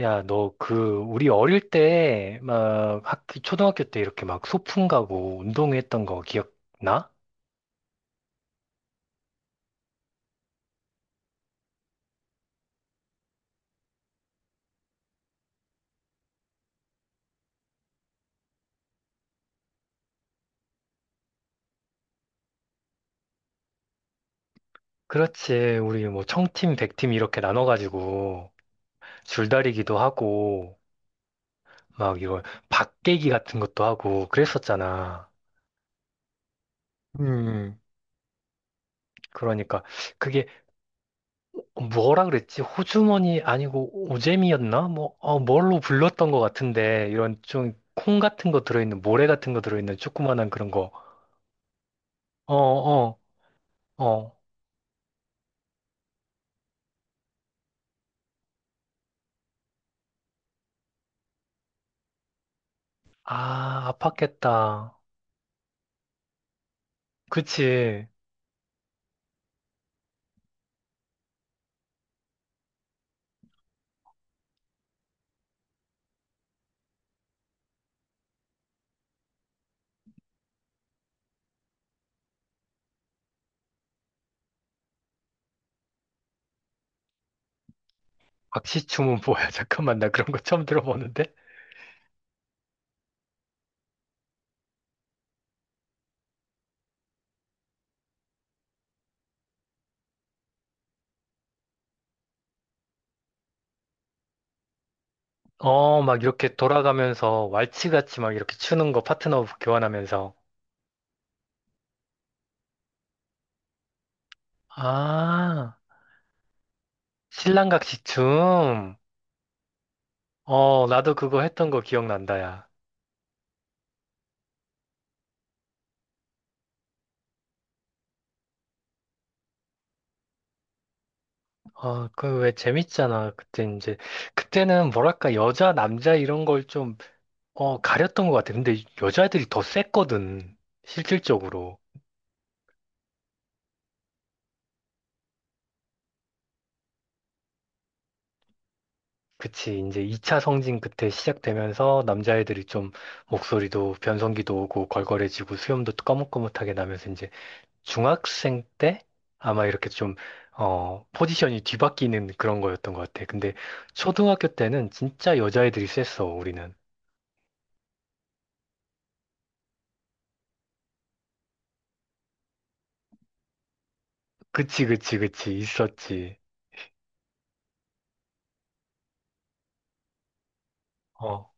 야, 너 그 우리 어릴 때 막 학기 초등학교 때 이렇게 막 소풍 가고 운동회 했던 거 기억나? 그렇지. 우리 뭐 청팀, 백팀 이렇게 나눠 가지고 줄다리기도 하고 막 이거 박깨기 같은 것도 하고 그랬었잖아. 음, 그러니까 그게 뭐라 그랬지? 호주머니 아니고 오재미였나? 뭐 뭘로 불렀던 것 같은데 이런 좀 콩 같은 거 들어있는 모래 같은 거 들어있는 조그만한 그런 거. 어, 어, 어. 아, 아팠겠다. 그치. 박시춤은 뭐야? 잠깐만, 나 그런 거 처음 들어보는데? 어, 막 이렇게 돌아가면서 왈츠같이 막 이렇게 추는 거 파트너 교환하면서. 아, 신랑각시 춤. 어, 나도 그거 했던 거 기억난다, 야. 어, 그 왜 재밌잖아. 그때 이제, 그때는 뭐랄까, 여자, 남자 이런 걸 좀, 어, 가렸던 것 같아. 근데 여자애들이 더 셌거든. 실질적으로. 그치. 이제 2차 성징 그때 시작되면서 남자애들이 좀 목소리도 변성기도 오고 걸걸해지고 수염도 꺼뭇꺼뭇하게 나면서 이제 중학생 때 아마 이렇게 좀, 어, 포지션이 뒤바뀌는 그런 거였던 것 같아. 근데 초등학교 때는 진짜 여자애들이 셌어, 우리는. 그치, 그치, 그치. 있었지. 어.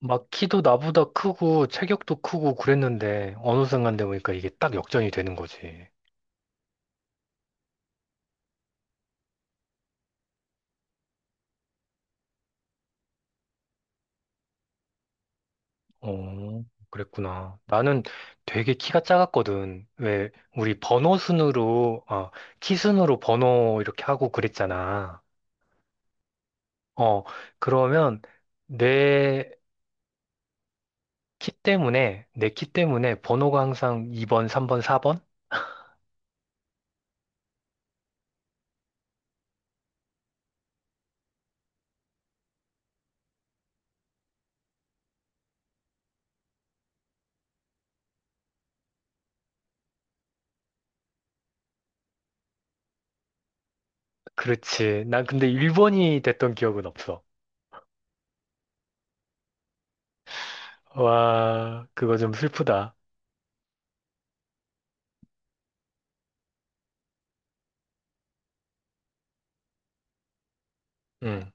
막 키도 나보다 크고 체격도 크고 그랬는데 어느 순간 되니까 이게 딱 역전이 되는 거지. 어, 그랬구나. 나는 되게 키가 작았거든. 왜, 우리 번호 순으로, 키 순으로 번호 이렇게 하고 그랬잖아. 어, 그러면 내 내 키 때문에 번호가 항상 2번, 3번, 4번? 그렇지. 난 근데 1번이 됐던 기억은 없어. 와, 그거 좀 슬프다. 응.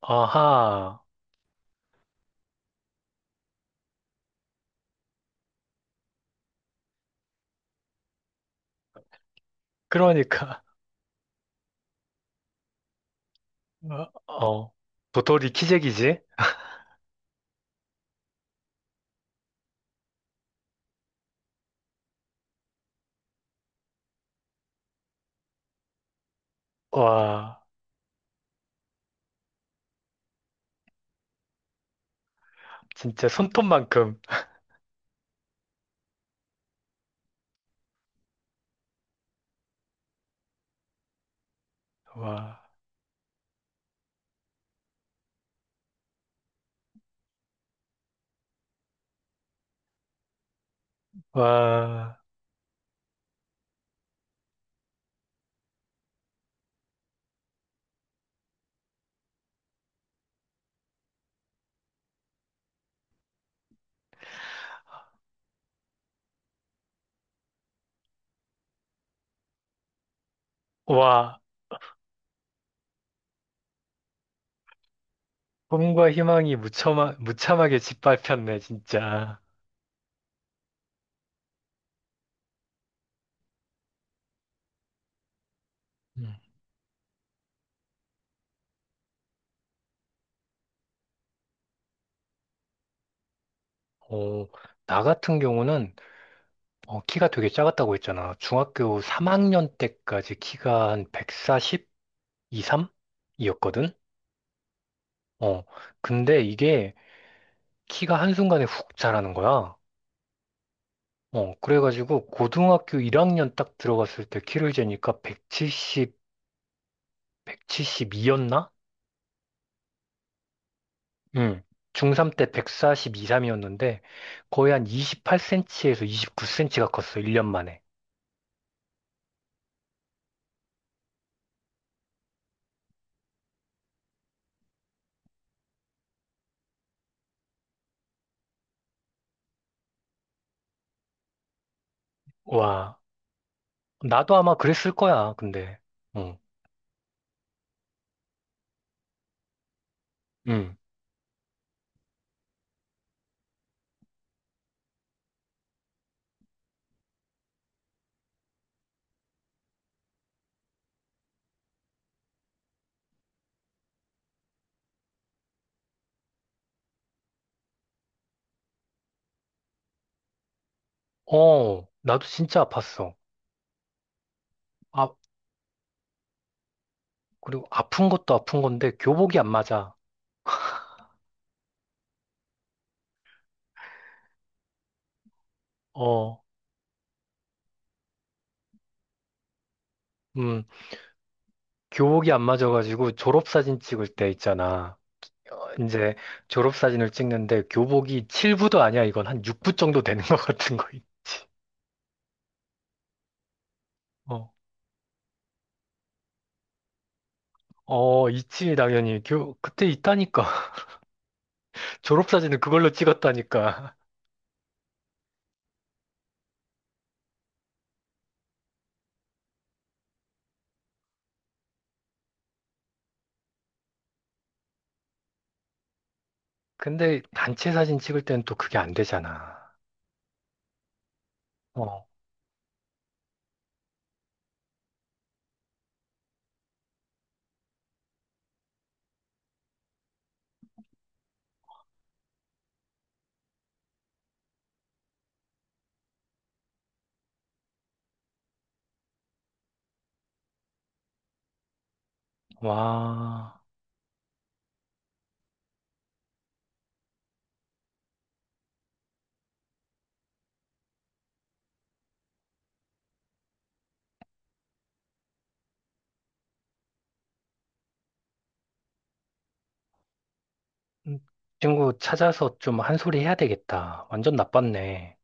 아하. 그러니까, 어, 도토리 키재기지? 와, 진짜 손톱만큼. 와. 와, 와, 꿈과 희망이 무참하게 짓밟혔네, 진짜. 음. 어, 나 같은 경우는 어, 키가 되게 작았다고 했잖아. 중학교 3학년 때까지 키가 한 140, 23? 이었거든? 어, 근데 이게 키가 한순간에 훅 자라는 거야. 어, 그래가지고 고등학교 1학년 딱 들어갔을 때 키를 재니까 170, 172였나? 응. 중3 때 142, 3이었는데 거의 한 28 cm에서 29 cm가 컸어. 1년 만에. 와. 나도 아마 그랬을 거야. 근데. 응. 응. 어. 나도 진짜 아팠어. 아, 그리고 아픈 것도 아픈 건데 교복이 안 맞아. 어. 음. 교복이 안 맞아가지고 졸업사진 찍을 때 있잖아. 이제 졸업사진을 찍는데 교복이 7부도 아니야. 이건 한 6부 정도 되는 것 같은 거 있지. 어. 어, 있지, 당연히. 그때 있다니까. 졸업사진을 그걸로 찍었다니까. 근데 단체 사진 찍을 때는 또 그게 안 되잖아. 어, 와. 음, 친구 찾아서 좀 한 소리 해야 되겠다. 완전 나빴네.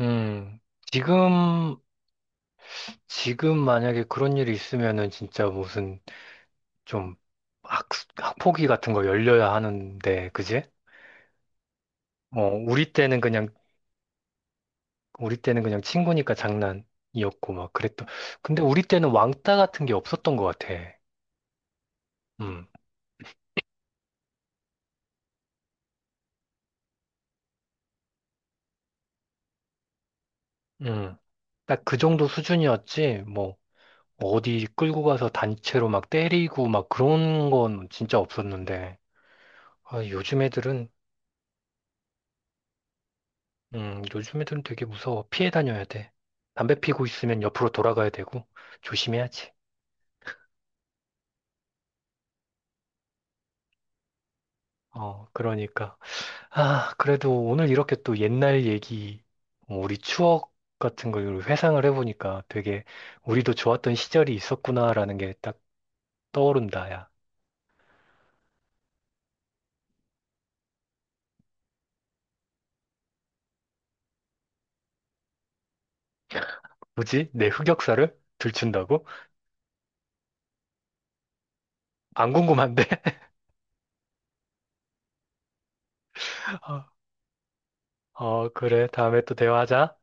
음, 지금, 지금 만약에 그런 일이 있으면은 진짜 무슨 좀 학, 학폭위 같은 거 열려야 하는데, 그지? 어, 우리 때는 그냥, 우리 때는 그냥 친구니까 장난이었고 막 그랬던. 근데 우리 때는 왕따 같은 게 없었던 것 같아. 음. 음, 딱 그 정도 수준이었지, 뭐, 어디 끌고 가서 단체로 막 때리고 막 그런 건 진짜 없었는데, 아, 요즘 애들은, 요즘 애들은 되게 무서워. 피해 다녀야 돼. 담배 피고 있으면 옆으로 돌아가야 되고, 조심해야지. 어, 그러니까. 아, 그래도 오늘 이렇게 또 옛날 얘기, 어, 우리 추억 같은 걸 회상을 해보니까 되게 우리도 좋았던 시절이 있었구나라는 게 딱 떠오른다, 야. 뭐지? 내 흑역사를 들춘다고? 안 궁금한데? 어, 그래. 다음에 또 대화하자.